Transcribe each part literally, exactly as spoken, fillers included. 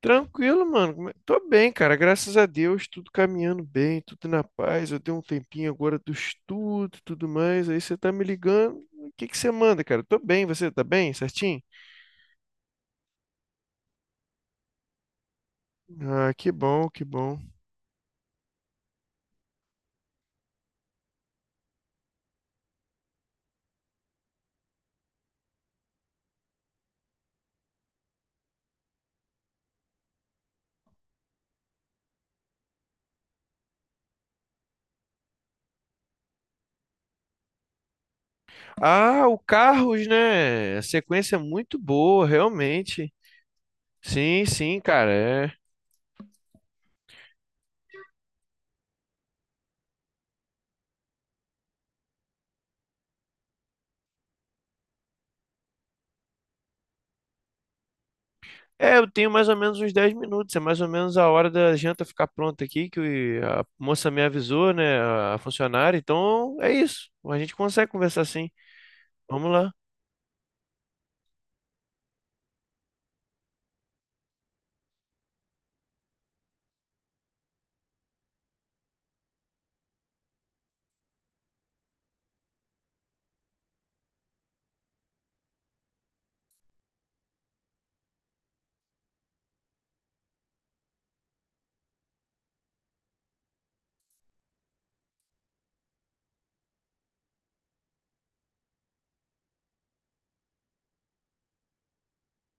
Tranquilo, mano. Como é- Tô bem, cara. Graças a Deus, tudo caminhando bem, tudo na paz. Eu dei um tempinho agora do estudo, tudo mais. Aí você tá me ligando. O que que você manda, cara? Tô bem, você tá bem, certinho? Ah, que bom, que bom. Ah, o Carros, né? A sequência é muito boa, realmente. Sim, sim, cara. É. É, eu tenho mais ou menos uns dez minutos, é mais ou menos a hora da janta ficar pronta aqui, que a moça me avisou, né, a funcionária, então é isso, a gente consegue conversar sim. Vamos lá.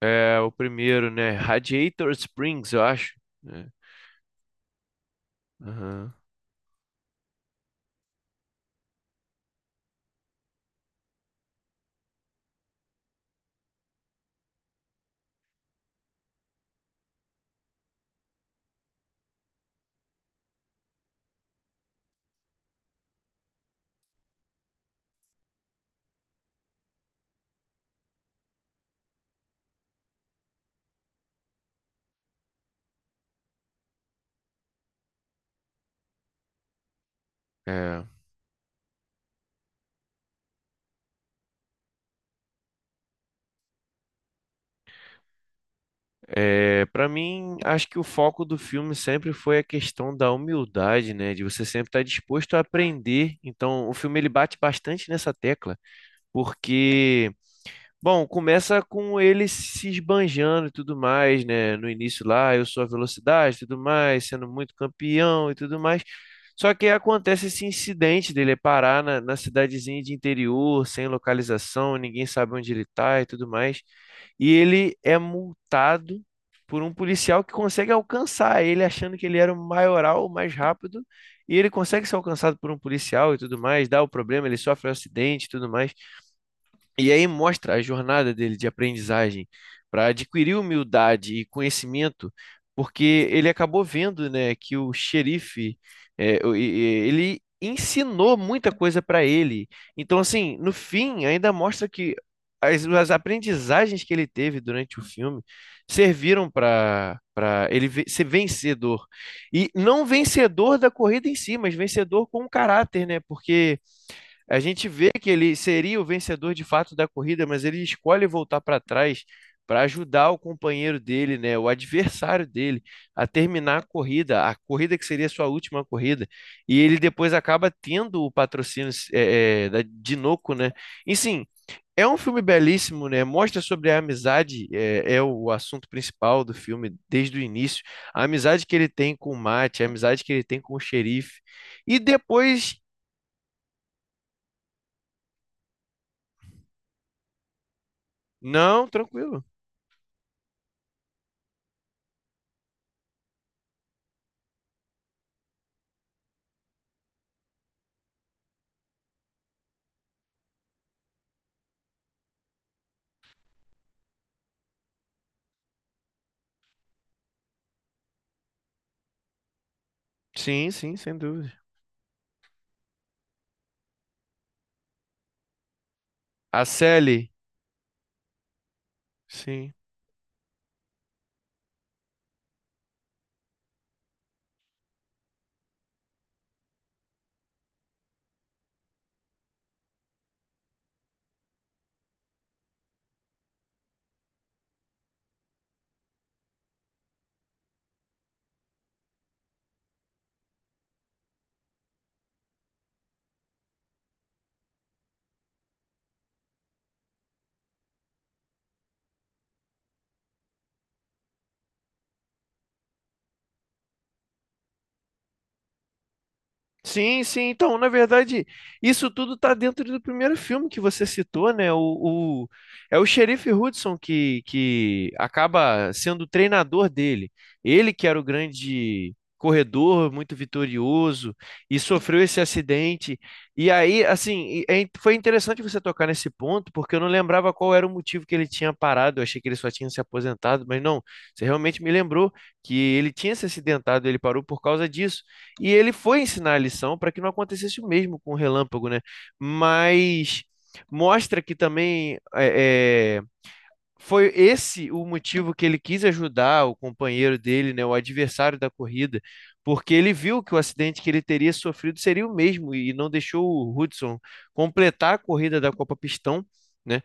É o primeiro, né? Radiator Springs, eu acho. Né? Aham. É, é, Para mim, acho que o foco do filme sempre foi a questão da humildade, né? De você sempre estar disposto a aprender. Então, o filme ele bate bastante nessa tecla, porque, bom, começa com ele se esbanjando e tudo mais, né? No início lá, eu sou a velocidade e tudo mais, sendo muito campeão e tudo mais. Só que aí acontece esse incidente dele parar na, na cidadezinha de interior, sem localização, ninguém sabe onde ele tá e tudo mais. E ele é multado por um policial que consegue alcançar ele, achando que ele era o maioral, o mais rápido. E ele consegue ser alcançado por um policial e tudo mais, dá o problema, ele sofre um acidente e tudo mais. E aí mostra a jornada dele de aprendizagem para adquirir humildade e conhecimento, porque ele acabou vendo, né, que o xerife, é, o- e- e- ele ensinou muita coisa para ele. Então, assim, no fim, ainda mostra que as, as aprendizagens que ele teve durante o filme serviram para para ele ve- ser vencedor. E não vencedor da corrida em si, mas vencedor com caráter, né? Porque a gente vê que ele seria o vencedor de fato da corrida, mas ele escolhe voltar para trás para ajudar o companheiro dele, né, o adversário dele, a terminar a corrida, a corrida que seria sua última corrida. E ele depois acaba tendo o patrocínio é, é, da Dinoco, né? E sim, é um filme belíssimo, né? Mostra sobre a amizade, é, é o assunto principal do filme desde o início. A amizade que ele tem com o Mate, a amizade que ele tem com o xerife. E depois. Não, tranquilo. Sim, sim, sem dúvida. A Sally, sim. Sim, sim. Então, na verdade, isso tudo tá dentro do primeiro filme que você citou, né? O, o- É o xerife Hudson que, que acaba sendo o treinador dele. Ele que era o grande corredor, muito vitorioso, e sofreu esse acidente. E aí, assim, e- é in- foi interessante você tocar nesse ponto, porque eu não lembrava qual era o motivo que ele tinha parado. Eu achei que ele só tinha se aposentado, mas não, você realmente me lembrou que ele tinha se acidentado, ele parou por causa disso. E ele foi ensinar a lição para que não acontecesse o mesmo com o Relâmpago, né? Mas mostra que também é, é, foi esse o motivo que ele quis ajudar o companheiro dele, né, o adversário da corrida, porque ele viu que o acidente que ele teria sofrido seria o mesmo e não deixou o Hudson completar a corrida da Copa Pistão, né?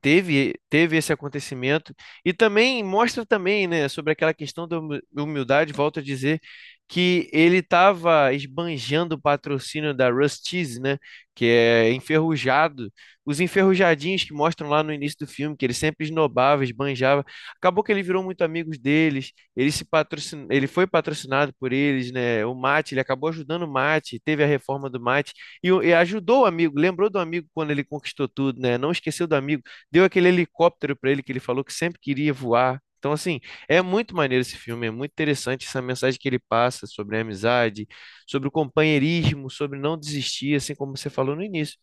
teve teve esse acontecimento e também mostra também, né, sobre aquela questão da humi- humildade, volto a dizer que ele estava esbanjando o patrocínio da Rusty's, né, que é enferrujado, os enferrujadinhos que mostram lá no início do filme que ele sempre esnobava, esbanjava. Acabou que ele virou muito amigos deles, ele se patrocin... ele foi patrocinado por eles, né? O Mate, ele acabou ajudando o Mate, teve a reforma do Mate e, o- e ajudou o amigo, lembrou do amigo quando ele conquistou tudo, né? Não esqueceu do amigo. Deu aquele helicóptero para ele que ele falou que sempre queria voar. Então, assim, é muito maneiro esse filme, é muito interessante essa mensagem que ele passa sobre a amizade, sobre o companheirismo, sobre não desistir, assim como você falou no início.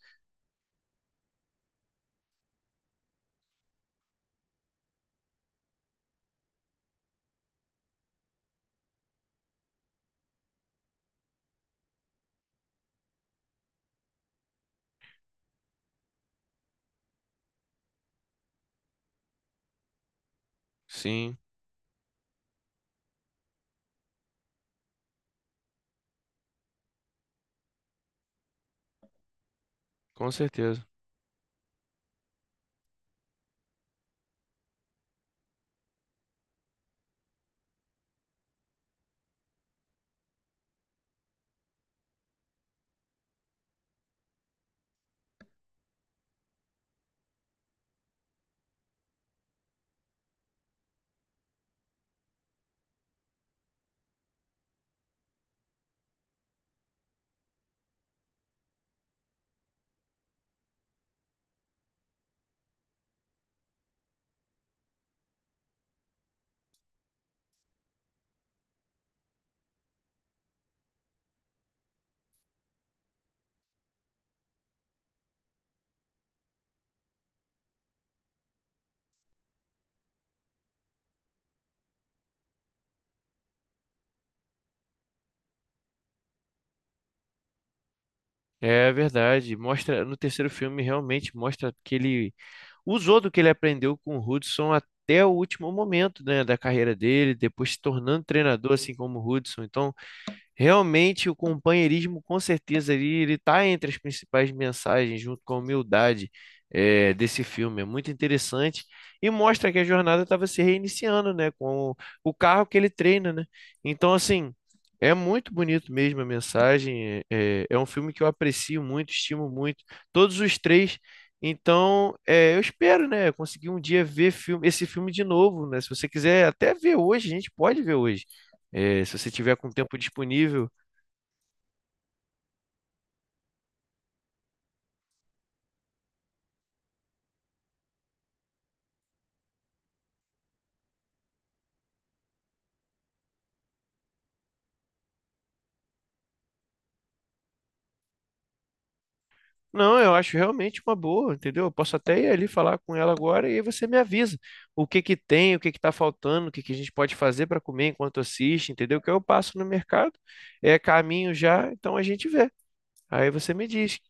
Sim, com certeza. É verdade. Mostra, no terceiro filme realmente mostra que ele usou do que ele aprendeu com o Hudson até o último momento, né, da carreira dele, depois se tornando treinador, assim como o Hudson. Então, realmente, o companheirismo, com certeza, ele, ele está entre as principais mensagens, junto com a humildade, eh, desse filme. É muito interessante e mostra que a jornada estava se reiniciando, né? Com o, o carro que ele treina, né? Então, assim, é muito bonito mesmo a mensagem. É, é é um filme que eu aprecio muito, estimo muito, todos os três. Então, eh, eu espero, né, conseguir um dia ver filme, esse filme de novo, né? Se você quiser até ver hoje, a gente pode ver hoje. Eh, se você tiver com tempo disponível. Não, eu acho realmente uma boa, entendeu? Eu posso até ir ali falar com ela agora e aí você me avisa o que que tem, o que que tá faltando, o que que a gente pode fazer para comer enquanto assiste, entendeu? Que eu passo no mercado, é caminho já, então a gente vê. Aí você me diz.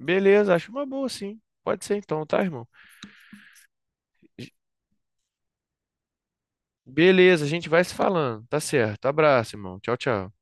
Beleza, acho uma boa, sim. Pode ser então, tá, irmão? Beleza, a gente vai se falando. Tá certo. Abraço, irmão. Tchau, tchau.